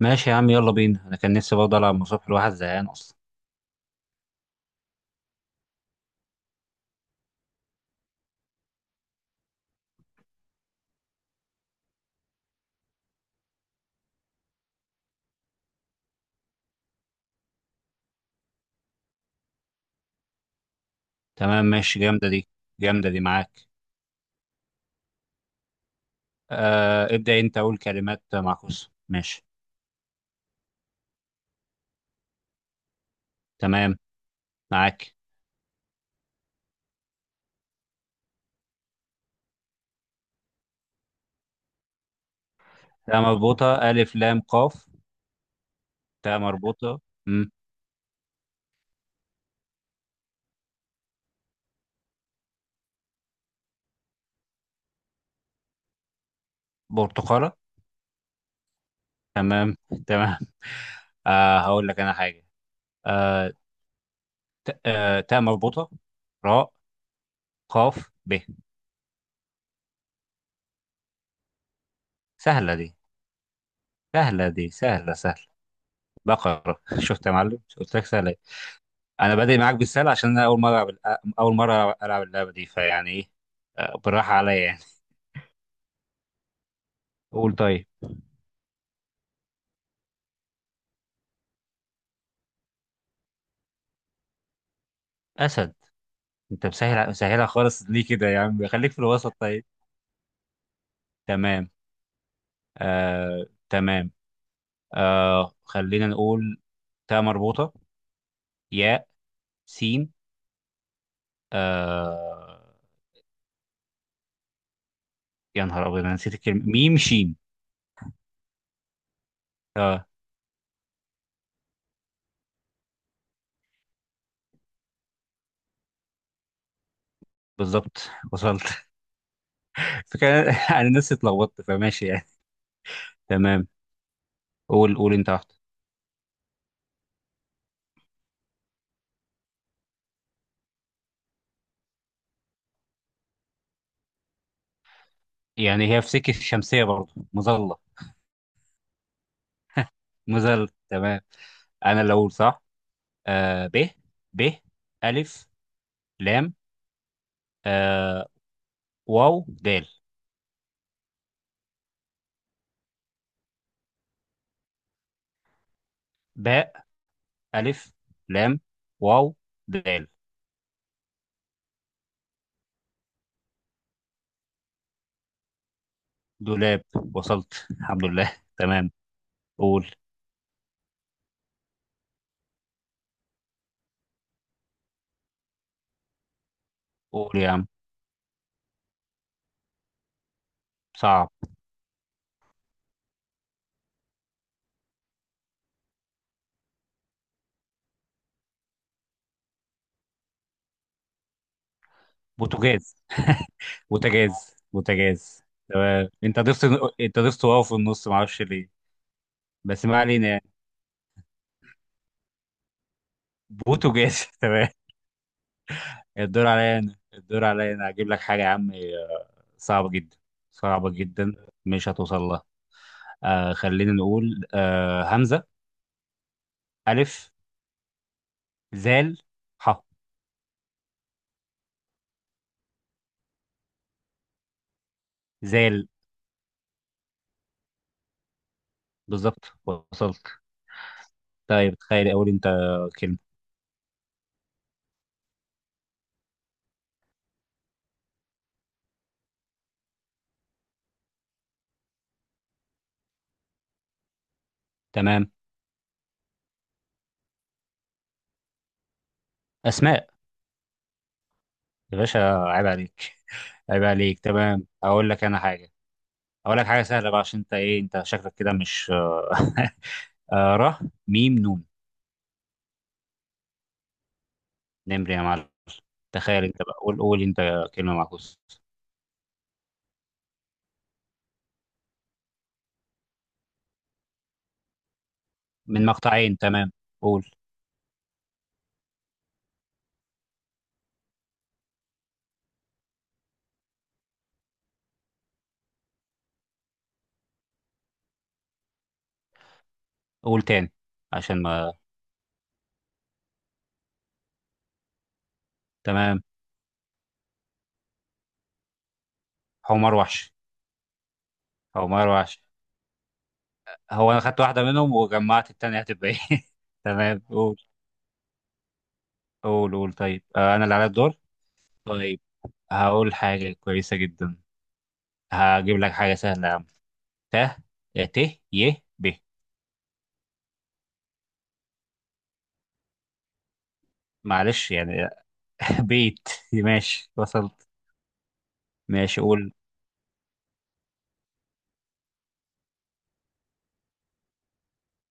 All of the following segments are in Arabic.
ماشي يا عم، يلا بينا. انا كان نفسي برضه العب من الصبح، الواحد زهقان اصلا. تمام ماشي، جامده دي. جامده دي معاك. ابدا انت، اقول كلمات معكوسه، ماشي. تمام، معاك. تاء مربوطه، الف، لام، قاف. تاء مربوطه. امم برتقاله. تمام. تمام. هقول لك انا حاجه. آه تاء. تاء مربوطه، راء، قاف، ب. سهله دي، سهله دي، سهله سهله. بقره. شفت يا معلم؟ قلت لك سهله. انا بادئ معاك بالسهل عشان انا اول مره ألعب. اول مره العب اللعبه دي، فيعني ايه، بالراحه عليا يعني. قول طيب. اسد. انت مسهلها خالص ليه كده يا عم؟ خليك في الوسط طيب. تمام. تمام. خلينا نقول، تاء مربوطه، ياء، سين. آه يا نهار ابيض، انا نسيت الكلمه. ميم، شين. اه. بالظبط، وصلت. فكان انا نفسي اتلخبطت، فماشي يعني. تمام. قول، قول انت واحده. يعني هي في سكه الشمسيه برضه مظله. ما زلت تمام. انا اللي اقول صح. ب، ب، الف، لام، آه واو، دال. باء، الف، لام، واو، دال. دولاب، وصلت. الحمد لله. تمام. قول. قول يا عم. صعب. بوتاجاز. بوتاجاز. بوتاجاز، تمام، انت ضفت. انت ضفت واو في النص، ما اعرفش ليه. بس ما علينا يعني. بوتاجاز. تمام. الدور عليا انا، الدور عليا انا هجيب لك حاجه يا عم. صعبه جدا. صعبه جدا، مش هتوصل لها. خلينا نقول، همزة، ألف، زال، ح، زال. بالظبط، وصلت. طيب، تخيل أقول أنت كلمة. تمام. أسماء. يا باشا. عيب عليك. عيب عليك تمام. أقول لك أنا حاجة. أقول لك حاجة سهلة بقى، عشان أنت إيه أنت شكلك كده مش. ر، ميم، نون. نمر يا معلم. تخيل أنت بقى، قول، قول أنت كلمة معكوسة. من مقطعين، تمام. قول. قول تاني عشان ما. تمام. حمار وحش. حمار وحش. هو انا خدت واحده منهم وجمعت التانية هتبقى ايه؟ تمام. قول. قول قول طيب. انا اللي على الدور. طيب. هقول حاجه كويسه جدا. هجيب لك حاجه سهله يا عم. ت، يا، ت، ي، ب. معلش يعني. بيت. ماشي، وصلت. ماشي، قول.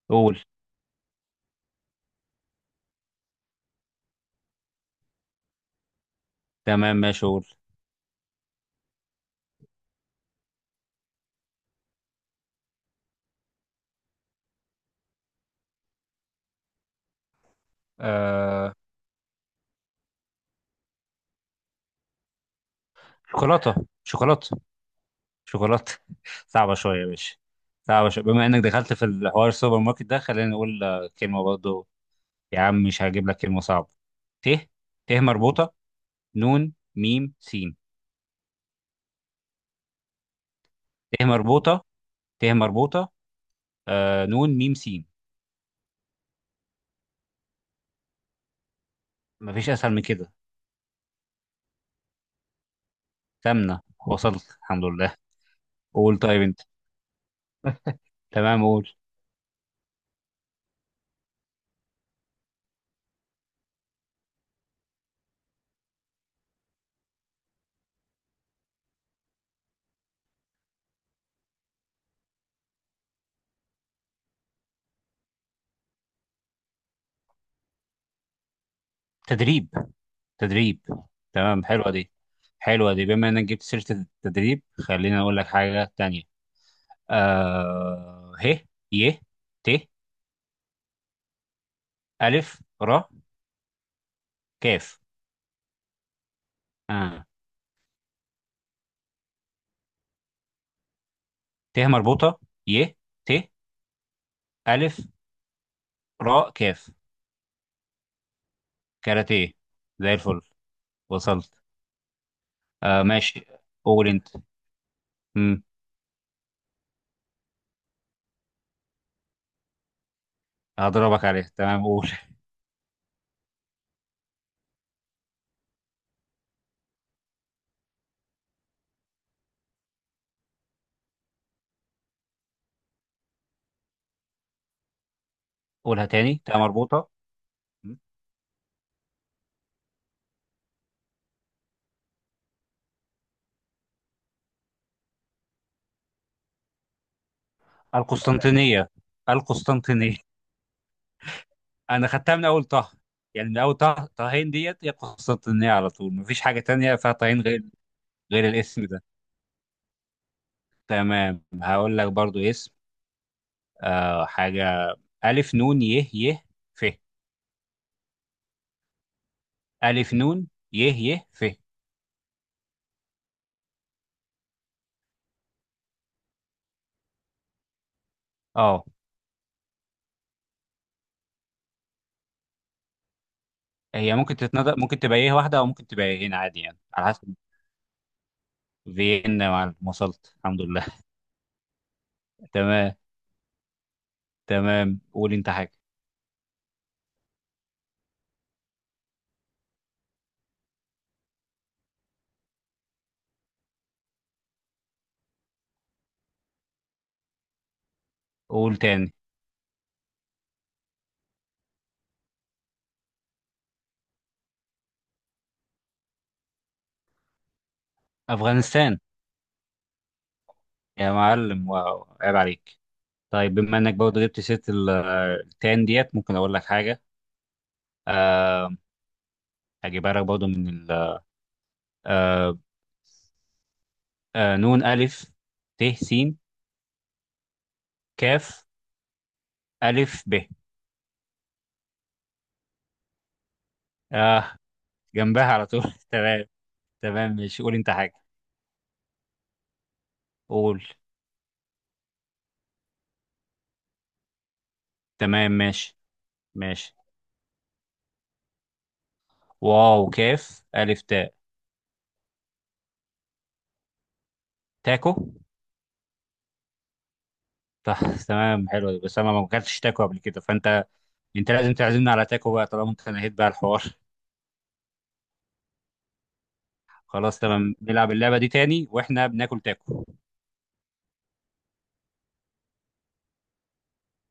قول. تمام، ماشي قول. آه... شوكولاته. شوكولاته. شوكولاته. صعبه شويه يا باشا. صعبه شويه. بما انك دخلت في الحوار السوبر ماركت ده، خلينا نقول كلمه برضه. يا عم، مش هجيب لك كلمة صعبة. ت ت مربوطة، نون، ميم، سين. ت مربوطة. ت مربوطة، نون، ميم، سين. مفيش أسهل من كده. تمنا، وصلت. الحمد لله. قول طيب أنت. تمام. قول. تدريب. تدريب. تمام، حلوة دي. حلوة دي. بما إنك جبت سيرة التدريب، خلينا أقول لك حاجة تانية. ه، ي، ت، ألف، ر، كاف. آه ت مربوطة، ي، ت، ألف، ر، كاف. كاراتيه. زي الفل، وصلت. ماشي. قول انت. مم. هضربك عليه، تمام، قول. قولها تاني، تمام مربوطة. مم. القسطنطينية. القسطنطينية، انا خدتها من اول طه. يعني من اول طه، طهين ديت هي القسطنطينية على طول. مفيش حاجة تانية فيها طهين غير، غير الاسم ده. تمام، هقول لك برضو اسم. حاجة. ألف، نون، يه، يه، ف. ألف، نون، يه، يه، ف. اه. هي ممكن تتنطق، ممكن تبقى ايه واحدة او ممكن تبقى ايه عادي يعني، على حسب. فيينا يا معلم، وصلت. الحمد لله. تمام. تمام، قول انت حاجة. قول تاني. أفغانستان. يا معلم، واو، عيب عليك. طيب، بما انك برضه جبت سيرة ال- التان ديت ممكن اقول لك حاجة. آه، هجيبها لك برضه من ال آه نون، ألف، ت، س، كاف، ألف، ب. آه جنبها على طول. تمام. تمام، ماشي، قول انت حاجة. قول. تمام، ماشي. ماشي، واو، كاف، ألف، تاء. تاكو، صح. تمام، حلو. بس انا ما اكلتش تاكو قبل كده فانت، انت لازم تعزمنا على تاكو بقى طالما انت نهيت بقى الحوار. خلاص، تمام، نلعب اللعبه دي تاني واحنا بناكل تاكو.